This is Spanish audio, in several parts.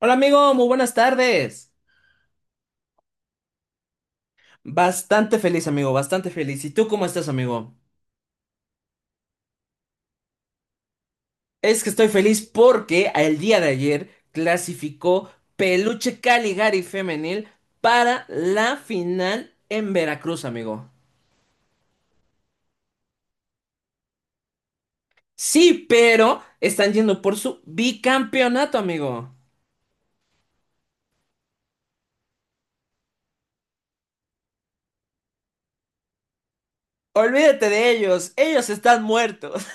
Hola amigo, muy buenas tardes. Bastante feliz amigo, bastante feliz. ¿Y tú cómo estás amigo? Es que estoy feliz porque el día de ayer clasificó Peluche Caligari Femenil para la final en Veracruz amigo. Sí, pero están yendo por su bicampeonato amigo. Olvídate de ellos, ellos están muertos.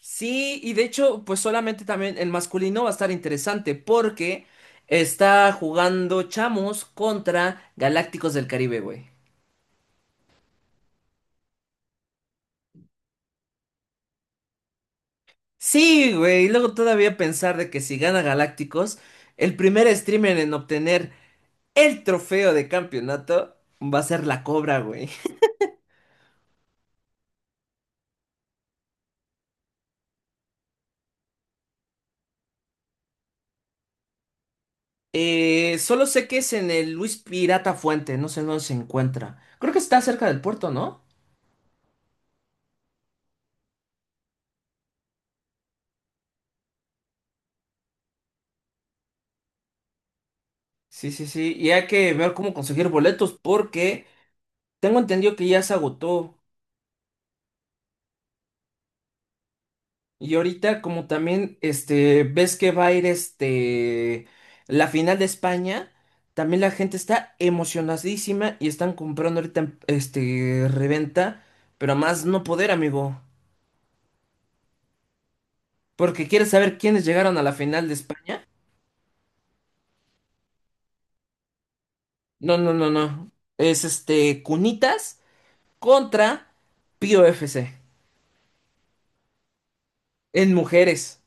Sí, y de hecho, pues solamente también el masculino va a estar interesante porque está jugando Chamos contra Galácticos del Caribe, güey. Sí, güey, y luego todavía pensar de que si gana Galácticos, el primer streamer en obtener el trofeo de campeonato va a ser la Cobra, güey. Solo sé que es en el Luis Pirata Fuente, no sé dónde se encuentra. Creo que está cerca del puerto, ¿no? Sí, sí, sí, y hay que ver cómo conseguir boletos porque tengo entendido que ya se agotó. Y ahorita, como también, este, ves que va a ir este la final de España, también la gente está emocionadísima y están comprando ahorita este reventa, pero a más no poder, amigo. Porque quieres saber quiénes llegaron a la final de España. No, no, no, no. Es este Cunitas contra Pío FC en mujeres.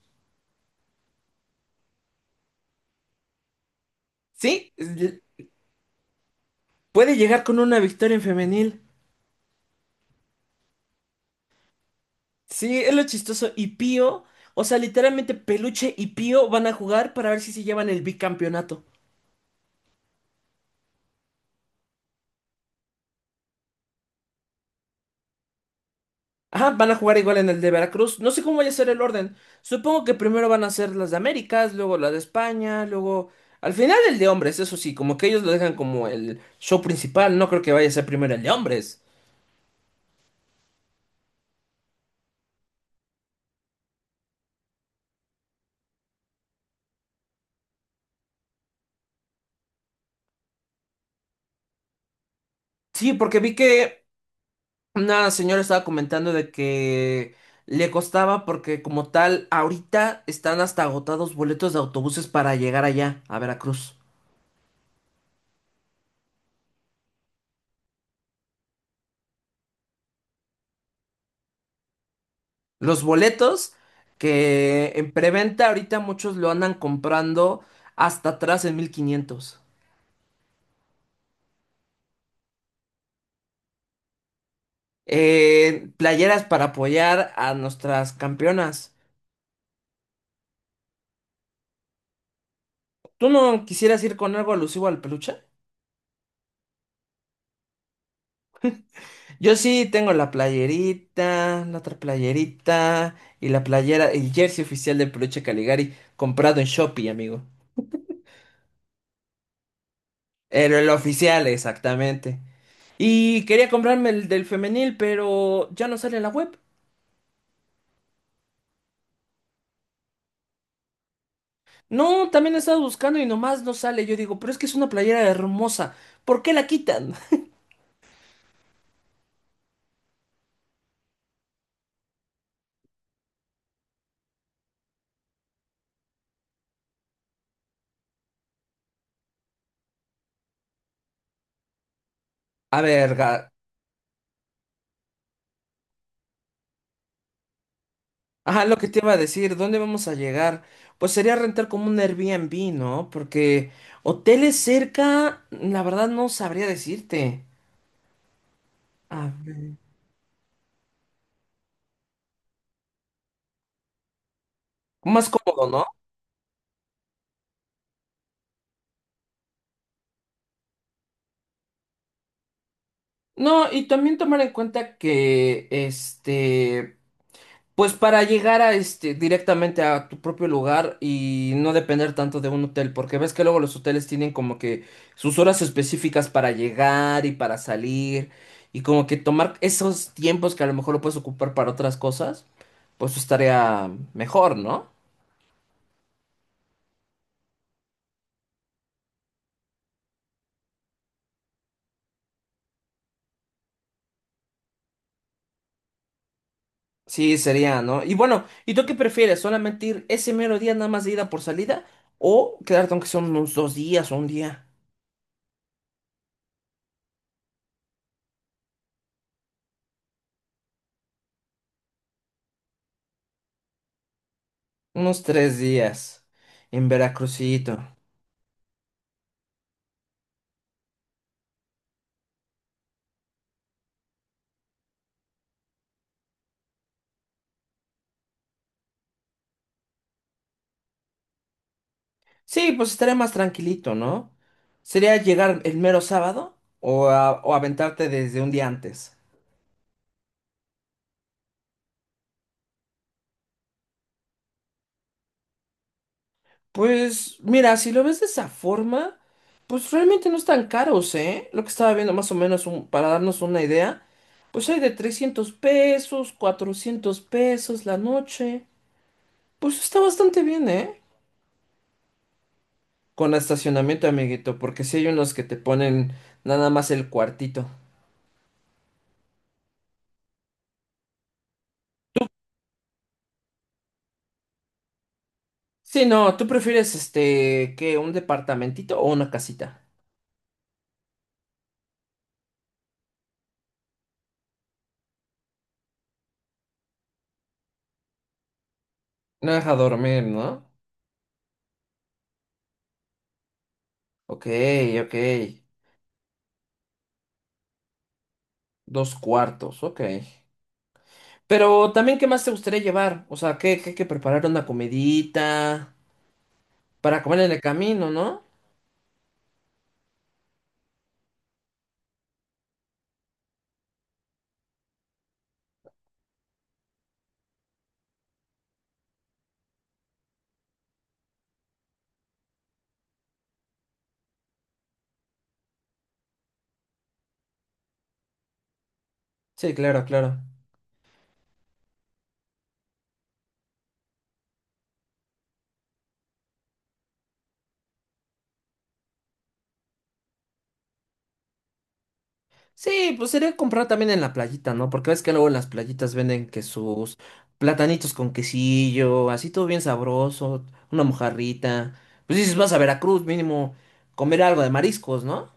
Sí, puede llegar con una victoria en femenil. Sí, es lo chistoso. Y Pío, o sea, literalmente Peluche y Pío van a jugar para ver si se llevan el bicampeonato. Ajá, van a jugar igual en el de Veracruz. No sé cómo vaya a ser el orden. Supongo que primero van a ser las de Américas, luego las de España, luego… Al final el de hombres, eso sí, como que ellos lo dejan como el show principal. No creo que vaya a ser primero el de hombres. Sí, porque vi que una señora estaba comentando de que le costaba porque como tal, ahorita están hasta agotados boletos de autobuses para llegar allá, a Veracruz. Los boletos que en preventa ahorita muchos lo andan comprando hasta atrás en 1500. Playeras para apoyar a nuestras campeonas. ¿Tú no quisieras ir con algo alusivo al peluche? Yo sí tengo la playerita, la otra playerita y la playera, el jersey oficial del peluche Caligari comprado en Shopee, amigo. El oficial, exactamente. Y quería comprarme el del femenil, pero ya no sale en la web. No, también he estado buscando y nomás no sale. Yo digo, pero es que es una playera hermosa. ¿Por qué la quitan? A ver, ga- ajá, lo que te iba a decir, ¿dónde vamos a llegar? Pues sería rentar como un Airbnb, ¿no? Porque hoteles cerca, la verdad no sabría decirte. A ver, más cómodo, ¿no? No, y también tomar en cuenta que este, pues para llegar a este directamente a tu propio lugar y no depender tanto de un hotel, porque ves que luego los hoteles tienen como que sus horas específicas para llegar y para salir y como que tomar esos tiempos que a lo mejor lo puedes ocupar para otras cosas, pues estaría mejor, ¿no? Sí, sería, ¿no? Y bueno, ¿y tú qué prefieres? ¿Solamente ir ese mero día nada más de ida por salida o quedarte aunque son unos 2 días o un día? Unos 3 días en Veracruzito. Sí, pues estaría más tranquilito, ¿no? ¿Sería llegar el mero sábado o aventarte desde un día antes? Pues mira, si lo ves de esa forma, pues realmente no están caros, ¿eh? Lo que estaba viendo más o menos para darnos una idea, pues hay de 300 pesos, 400 pesos la noche. Pues está bastante bien, ¿eh? Con estacionamiento, amiguito, porque si hay unos que te ponen nada más el cuartito. Sí, no, ¿tú prefieres este, que un departamentito o una casita? No deja dormir, ¿no? Ok, ok. Dos cuartos, ok. Pero también, ¿qué más te gustaría llevar? O sea, ¿qué, qué hay que preparar una comidita para comer en el camino, ¿no? Sí, claro, claro. Sí, pues sería comprar también en la playita, ¿no? Porque ves que luego en las playitas venden que sus platanitos con quesillo, así todo bien sabroso, una mojarrita. Pues dices, vas a Veracruz, mínimo comer algo de mariscos, ¿no?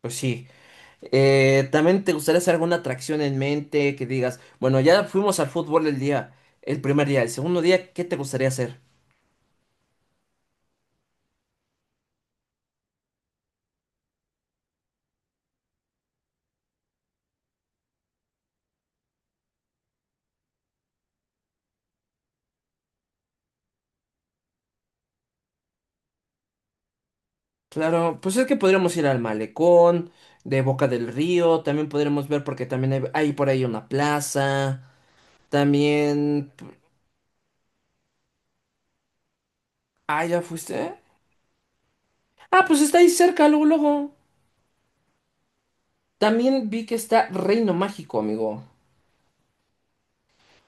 Pues sí. ¿También te gustaría hacer alguna atracción en mente que digas, bueno, ya fuimos al fútbol el día, el primer día, el segundo día, ¿qué te gustaría hacer? Claro, pues es que podríamos ir al malecón, de Boca del Río, también podríamos ver porque también hay por ahí una plaza, también… Ah, ¿ya fuiste? Ah, pues está ahí cerca, luego, luego. También vi que está Reino Mágico, amigo.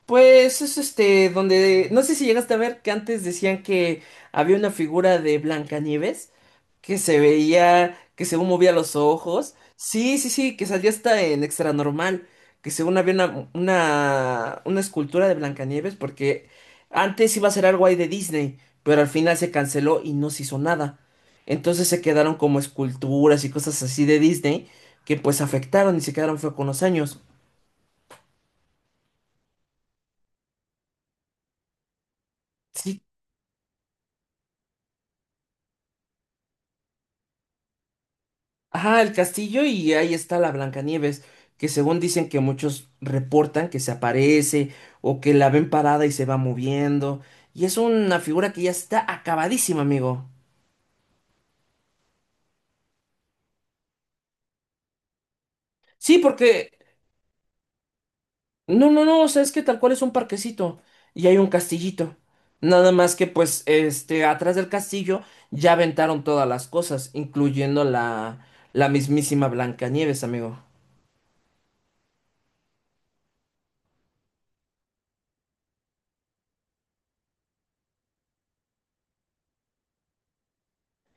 Pues es este, donde… No sé si llegaste a ver que antes decían que había una figura de Blancanieves, que se veía, que según movía los ojos. Sí, sí, sí, que salía hasta en Extra Normal, que según había una escultura de Blancanieves, porque antes iba a ser algo ahí de Disney, pero al final se canceló y no se hizo nada. Entonces se quedaron como esculturas y cosas así de Disney que pues afectaron y se quedaron fue con los años. Sí, ajá, el castillo y ahí está la Blancanieves, que según dicen que muchos reportan que se aparece o que la ven parada y se va moviendo. Y es una figura que ya está acabadísima, amigo. Sí, porque… No, no, no, o sea, es que tal cual es un parquecito y hay un castillito. Nada más que pues, este, atrás del castillo ya aventaron todas las cosas, incluyendo la mismísima Blancanieves, amigo.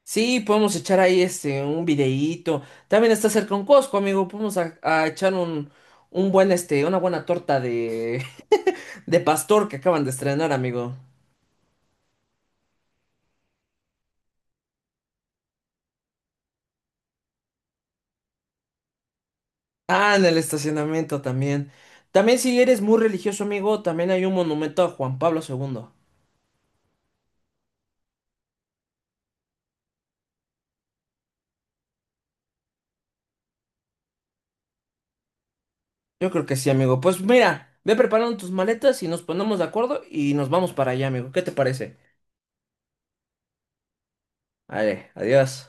Sí, podemos echar ahí este un videíto. También está cerca un Costco, amigo. Podemos a echar un buen este, una buena torta de de pastor que acaban de estrenar, amigo. Ah, en el estacionamiento también. También si eres muy religioso, amigo, también hay un monumento a Juan Pablo II. Yo creo que sí, amigo. Pues mira, ve preparando tus maletas y nos ponemos de acuerdo y nos vamos para allá, amigo. ¿Qué te parece? Vale, adiós.